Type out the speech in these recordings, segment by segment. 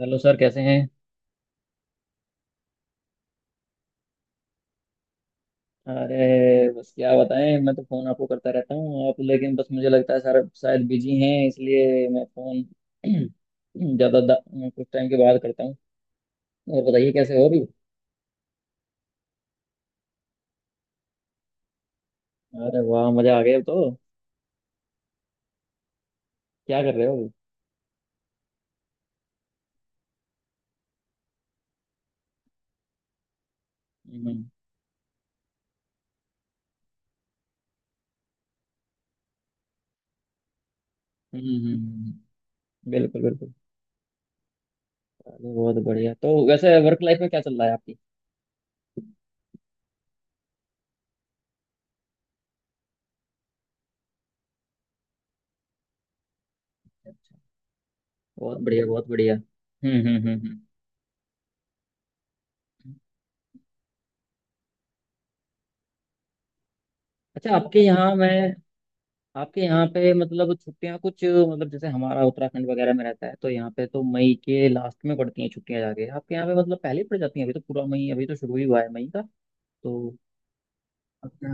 Hello sir, कैसे हैं। अरे बस क्या बताएं, मैं तो फ़ोन आपको करता रहता हूँ आप, लेकिन बस मुझे लगता है सर शायद बिजी हैं, इसलिए मैं फ़ोन ज़्यादा दा- कुछ टाइम के बाद करता हूँ। और बताइए कैसे हो अभी। अरे वाह, मज़ा आ गया अब तो। क्या कर रहे हो अभी? हम्म, हम्म। हम्म। बिल्कुल बिल्कुल। अरे बहुत बढ़िया। तो वैसे वर्क लाइफ में क्या चल रहा है आपकी? अच्छा। बहुत बढ़िया, बहुत बढ़िया। हम्म, हम्म, हम्म, अच्छा, आपके यहाँ पे मतलब छुट्टियां कुछ, मतलब जैसे हमारा उत्तराखंड वगैरह में रहता है तो यहाँ पे तो मई के लास्ट में पड़ती हैं छुट्टियां, जाके आपके यहाँ पे मतलब पहले ही पड़ जाती हैं। अभी तो पूरा मई, अभी तो शुरू ही हुआ है मई का। तो अच्छा।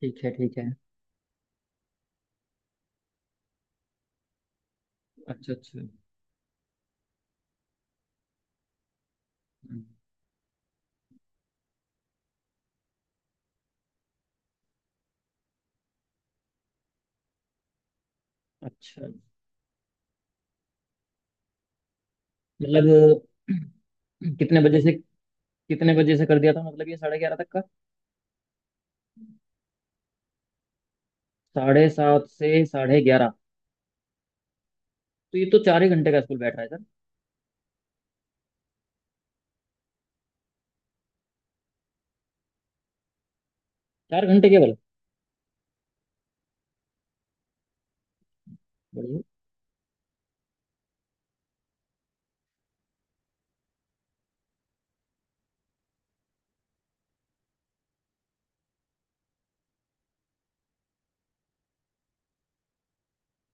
ठीक है ठीक है। अच्छा, अच्छा। हम्म। अच्छा, मतलब कितने बजे से कितने बजे से कर दिया था, मतलब ये 11:30 तक का? 7:30 से 11:30? तो ये तो 4 ही घंटे का स्कूल बैठ रहा है सर। 4 घंटे केवल? बढ़िया।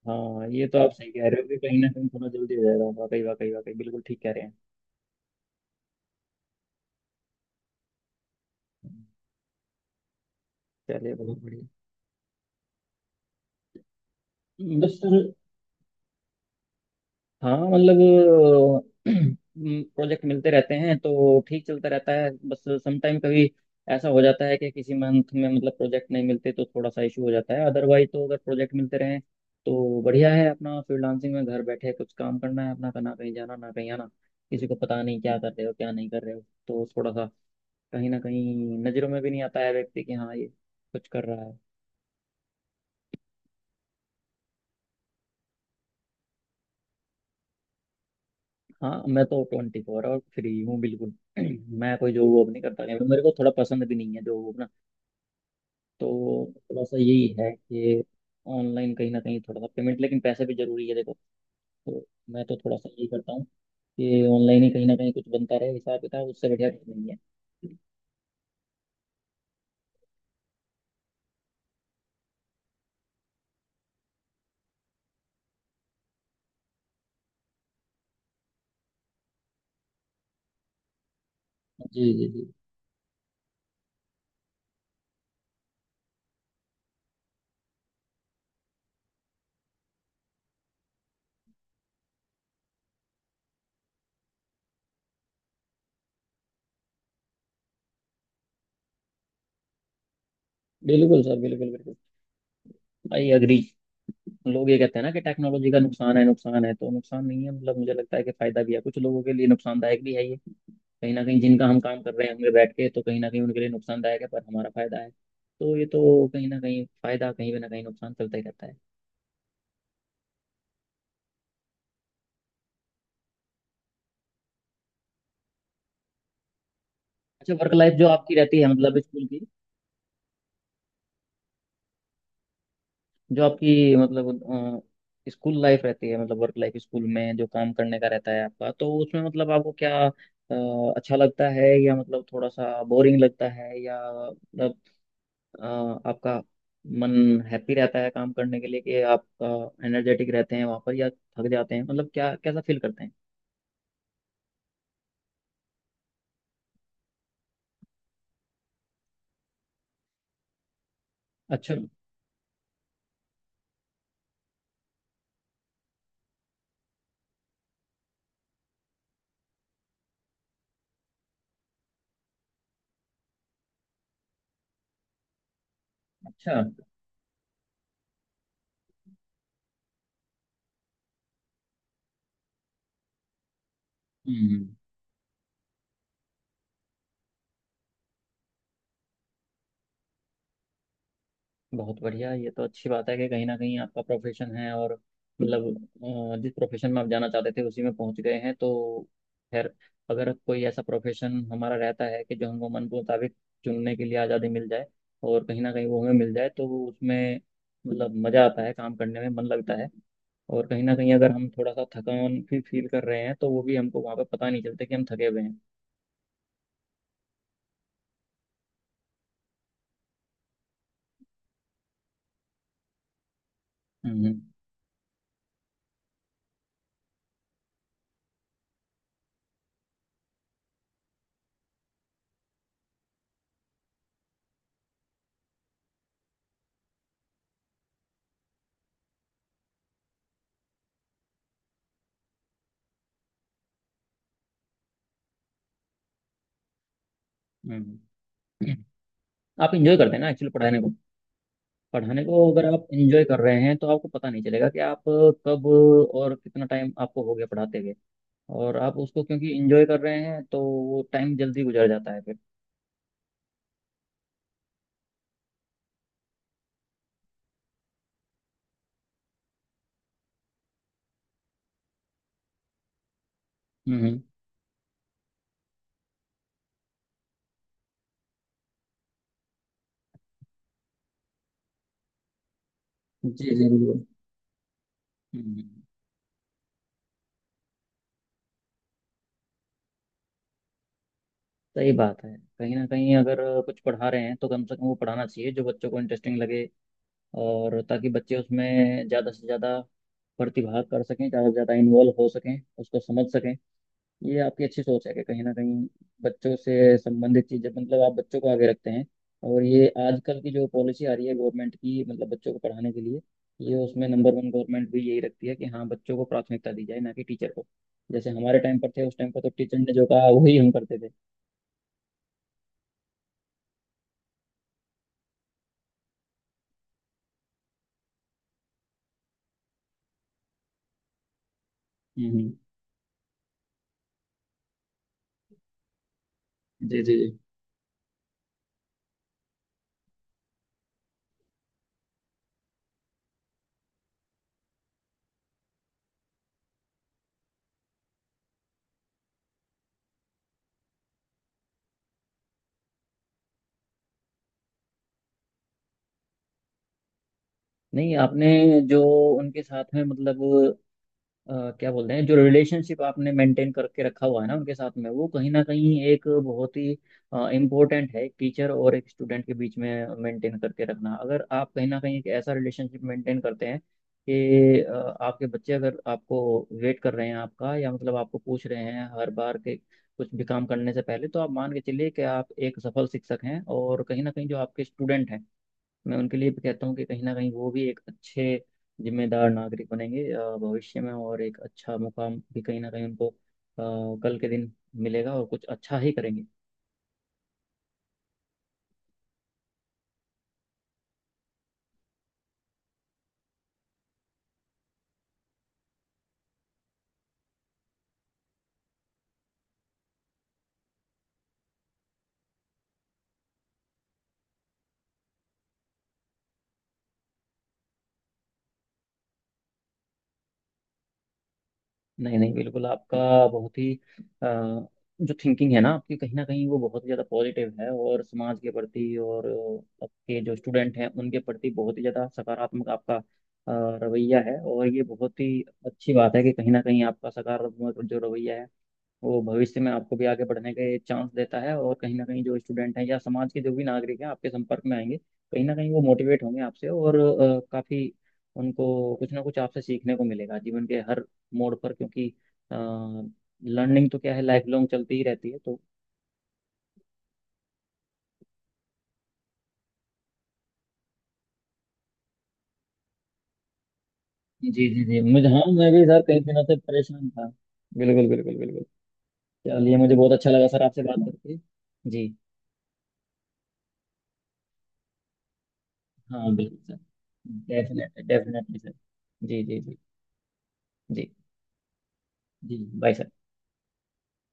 हाँ, ये तो आप सही कह रहे हो कि कहीं ना कहीं थोड़ा जल्दी हो जाएगा, वाकई वाकई वाकई बिल्कुल ठीक कह रहे हैं। चलिए बहुत बढ़िया। बस सर, हाँ मतलब प्रोजेक्ट मिलते रहते हैं तो ठीक चलता रहता है। बस समटाइम कभी ऐसा हो जाता है कि किसी मंथ में मतलब प्रोजेक्ट नहीं मिलते तो थोड़ा सा इशू हो जाता है। अदरवाइज तो अगर प्रोजेक्ट मिलते रहें तो बढ़िया है। अपना फ्रीलांसिंग में घर बैठे कुछ काम करना है अपना, का ना कहीं जाना, ना कहीं आना। किसी को पता नहीं क्या कर रहे हो, क्या नहीं कर रहे हो। तो थोड़ा सा कहीं ना कहीं नज़रों में भी नहीं आता है व्यक्ति कि हाँ ये कुछ कर रहा है। हाँ, मैं तो 24 और फ्री हूँ बिल्कुल। मैं कोई जॉब वॉब नहीं करता। मेरे को थोड़ा पसंद भी नहीं है जॉब वॉब ना। तो थोड़ा सा यही है कि ऑनलाइन कहीं ना कहीं थोड़ा सा पेमेंट, लेकिन पैसे भी जरूरी है देखो। तो मैं तो थोड़ा सा यही करता हूँ कि ऑनलाइन ही कहीं ना कहीं कुछ बनता रहे हिसाब किताब, उससे बढ़िया कुछ नहीं है। जी जी जी। बिल्कुल सर, बिल्कुल बिल्कुल। I agree. लोग ये कहते हैं ना कि टेक्नोलॉजी का नुकसान है, नुकसान है तो नुकसान नहीं है, मतलब मुझे लगता है कि फायदा भी है, कुछ लोगों के लिए नुकसानदायक भी है। कहीं ना कहीं जिनका हम काम कर रहे होंगे बैठ के तो कहीं ना कहीं उनके लिए नुकसानदायक है, पर हमारा फायदा है, तो ये तो कहीं ना कहीं फायदा कहीं पे ना कहीं नुकसान चलता ही रहता है। अच्छा, वर्क लाइफ जो आपकी रहती है मतलब स्कूल की, जो आपकी मतलब स्कूल लाइफ रहती है मतलब वर्क लाइफ, स्कूल में जो काम करने का रहता है आपका, तो उसमें मतलब आपको क्या अच्छा लगता है या मतलब थोड़ा सा बोरिंग लगता है, या मतलब अ, आपका मन हैप्पी रहता है काम करने के लिए कि आप एनर्जेटिक रहते हैं वहां पर, या थक जाते हैं मतलब क्या कैसा फील करते हैं? अच्छा। अच्छा। हम्म। बहुत बढ़िया, ये तो अच्छी बात है कि कहीं ना कहीं आपका प्रोफेशन है और मतलब जिस प्रोफेशन में आप जाना चाहते थे उसी में पहुंच गए हैं, तो खैर। अगर कोई ऐसा प्रोफेशन हमारा रहता है कि जो हमको मन मुताबिक चुनने के लिए आज़ादी मिल जाए, और कहीं ना कहीं वो हमें मिल जाए, तो वो उसमें मतलब मज़ा आता है काम करने में, मन लगता है। और कहीं ना कहीं अगर हम थोड़ा सा थकान भी फील कर रहे हैं, तो वो भी हमको वहाँ पे पता नहीं चलता कि हम थके हुए हैं। हम्म, हम्म। हम्म। आप इंजॉय करते हैं ना एक्चुअली पढ़ाने को। पढ़ाने को अगर आप एंजॉय कर रहे हैं तो आपको पता नहीं चलेगा कि आप कब और कितना टाइम आपको हो गया पढ़ाते हुए, और आप उसको क्योंकि एंजॉय कर रहे हैं तो वो टाइम जल्दी गुजर जाता है फिर। हम्म, हम्म। जी जी बिल्कुल। हम्म। सही बात है। कहीं ना कहीं अगर कुछ पढ़ा रहे हैं तो कम से कम वो पढ़ाना चाहिए जो बच्चों को इंटरेस्टिंग लगे, और ताकि बच्चे उसमें ज़्यादा से ज़्यादा प्रतिभाग कर सकें, ज़्यादा से ज़्यादा इन्वॉल्व हो सकें, उसको समझ सकें। ये आपकी अच्छी सोच है कि कहीं ना कहीं बच्चों से संबंधित चीजें मतलब आप बच्चों को आगे रखते हैं। और ये आजकल की जो पॉलिसी आ रही है गवर्नमेंट की मतलब बच्चों को पढ़ाने के लिए, ये उसमें नंबर वन गवर्नमेंट भी यही रखती है कि हाँ बच्चों को प्राथमिकता दी जाए, ना कि टीचर को। जैसे हमारे टाइम पर थे, उस टाइम पर तो टीचर ने जो कहा वही हम करते थे। हम्म, जी जी जी। नहीं, आपने जो उनके साथ में मतलब क्या बोलते हैं जो रिलेशनशिप आपने मेंटेन करके रखा हुआ है ना उनके साथ में, वो कहीं ना कहीं एक बहुत ही इम्पोर्टेंट है टीचर और एक स्टूडेंट के बीच में मेंटेन करके रखना। अगर आप कहीं ना कहीं एक ऐसा रिलेशनशिप मेंटेन करते हैं कि आपके बच्चे अगर आपको वेट कर रहे हैं आपका, या मतलब आपको पूछ रहे हैं हर बार के कुछ भी काम करने से पहले, तो आप मान के चलिए कि आप एक सफल शिक्षक हैं। और कहीं ना कहीं जो आपके स्टूडेंट हैं, मैं उनके लिए भी कहता हूँ कि कहीं ना कहीं वो भी एक अच्छे जिम्मेदार नागरिक बनेंगे भविष्य में, और एक अच्छा मुकाम भी कहीं ना कहीं उनको कल के दिन मिलेगा और कुछ अच्छा ही करेंगे। नहीं नहीं बिल्कुल, आपका बहुत ही जो थिंकिंग है ना आपकी, कहीं ना कहीं वो बहुत ही ज़्यादा पॉजिटिव है, और समाज के प्रति और आपके जो स्टूडेंट हैं उनके प्रति बहुत ही ज़्यादा सकारात्मक आपका रवैया है। और ये बहुत ही अच्छी बात है कि कहीं ना कहीं आपका सकारात्मक जो रवैया है वो भविष्य में आपको भी आगे बढ़ने के चांस देता है। और कहीं ना कहीं जो स्टूडेंट हैं या समाज के जो भी नागरिक हैं आपके संपर्क में आएंगे, कहीं ना कहीं वो मोटिवेट होंगे आपसे, और काफी उनको कुछ ना कुछ आपसे सीखने को मिलेगा जीवन के हर मोड़ पर, क्योंकि लर्निंग तो क्या है लाइफ लॉन्ग चलती ही रहती है तो। जी जी जी, मुझे, हाँ मैं भी सर कई दिनों से परेशान था। बिल्कुल बिल्कुल बिल्कुल। चलिए मुझे बहुत अच्छा लगा सर आपसे बात करके। जी। हाँ बिल्कुल सर, डेफिनेटली डेफिनेटली सर। जी जी जी। जी। जी बाय सर।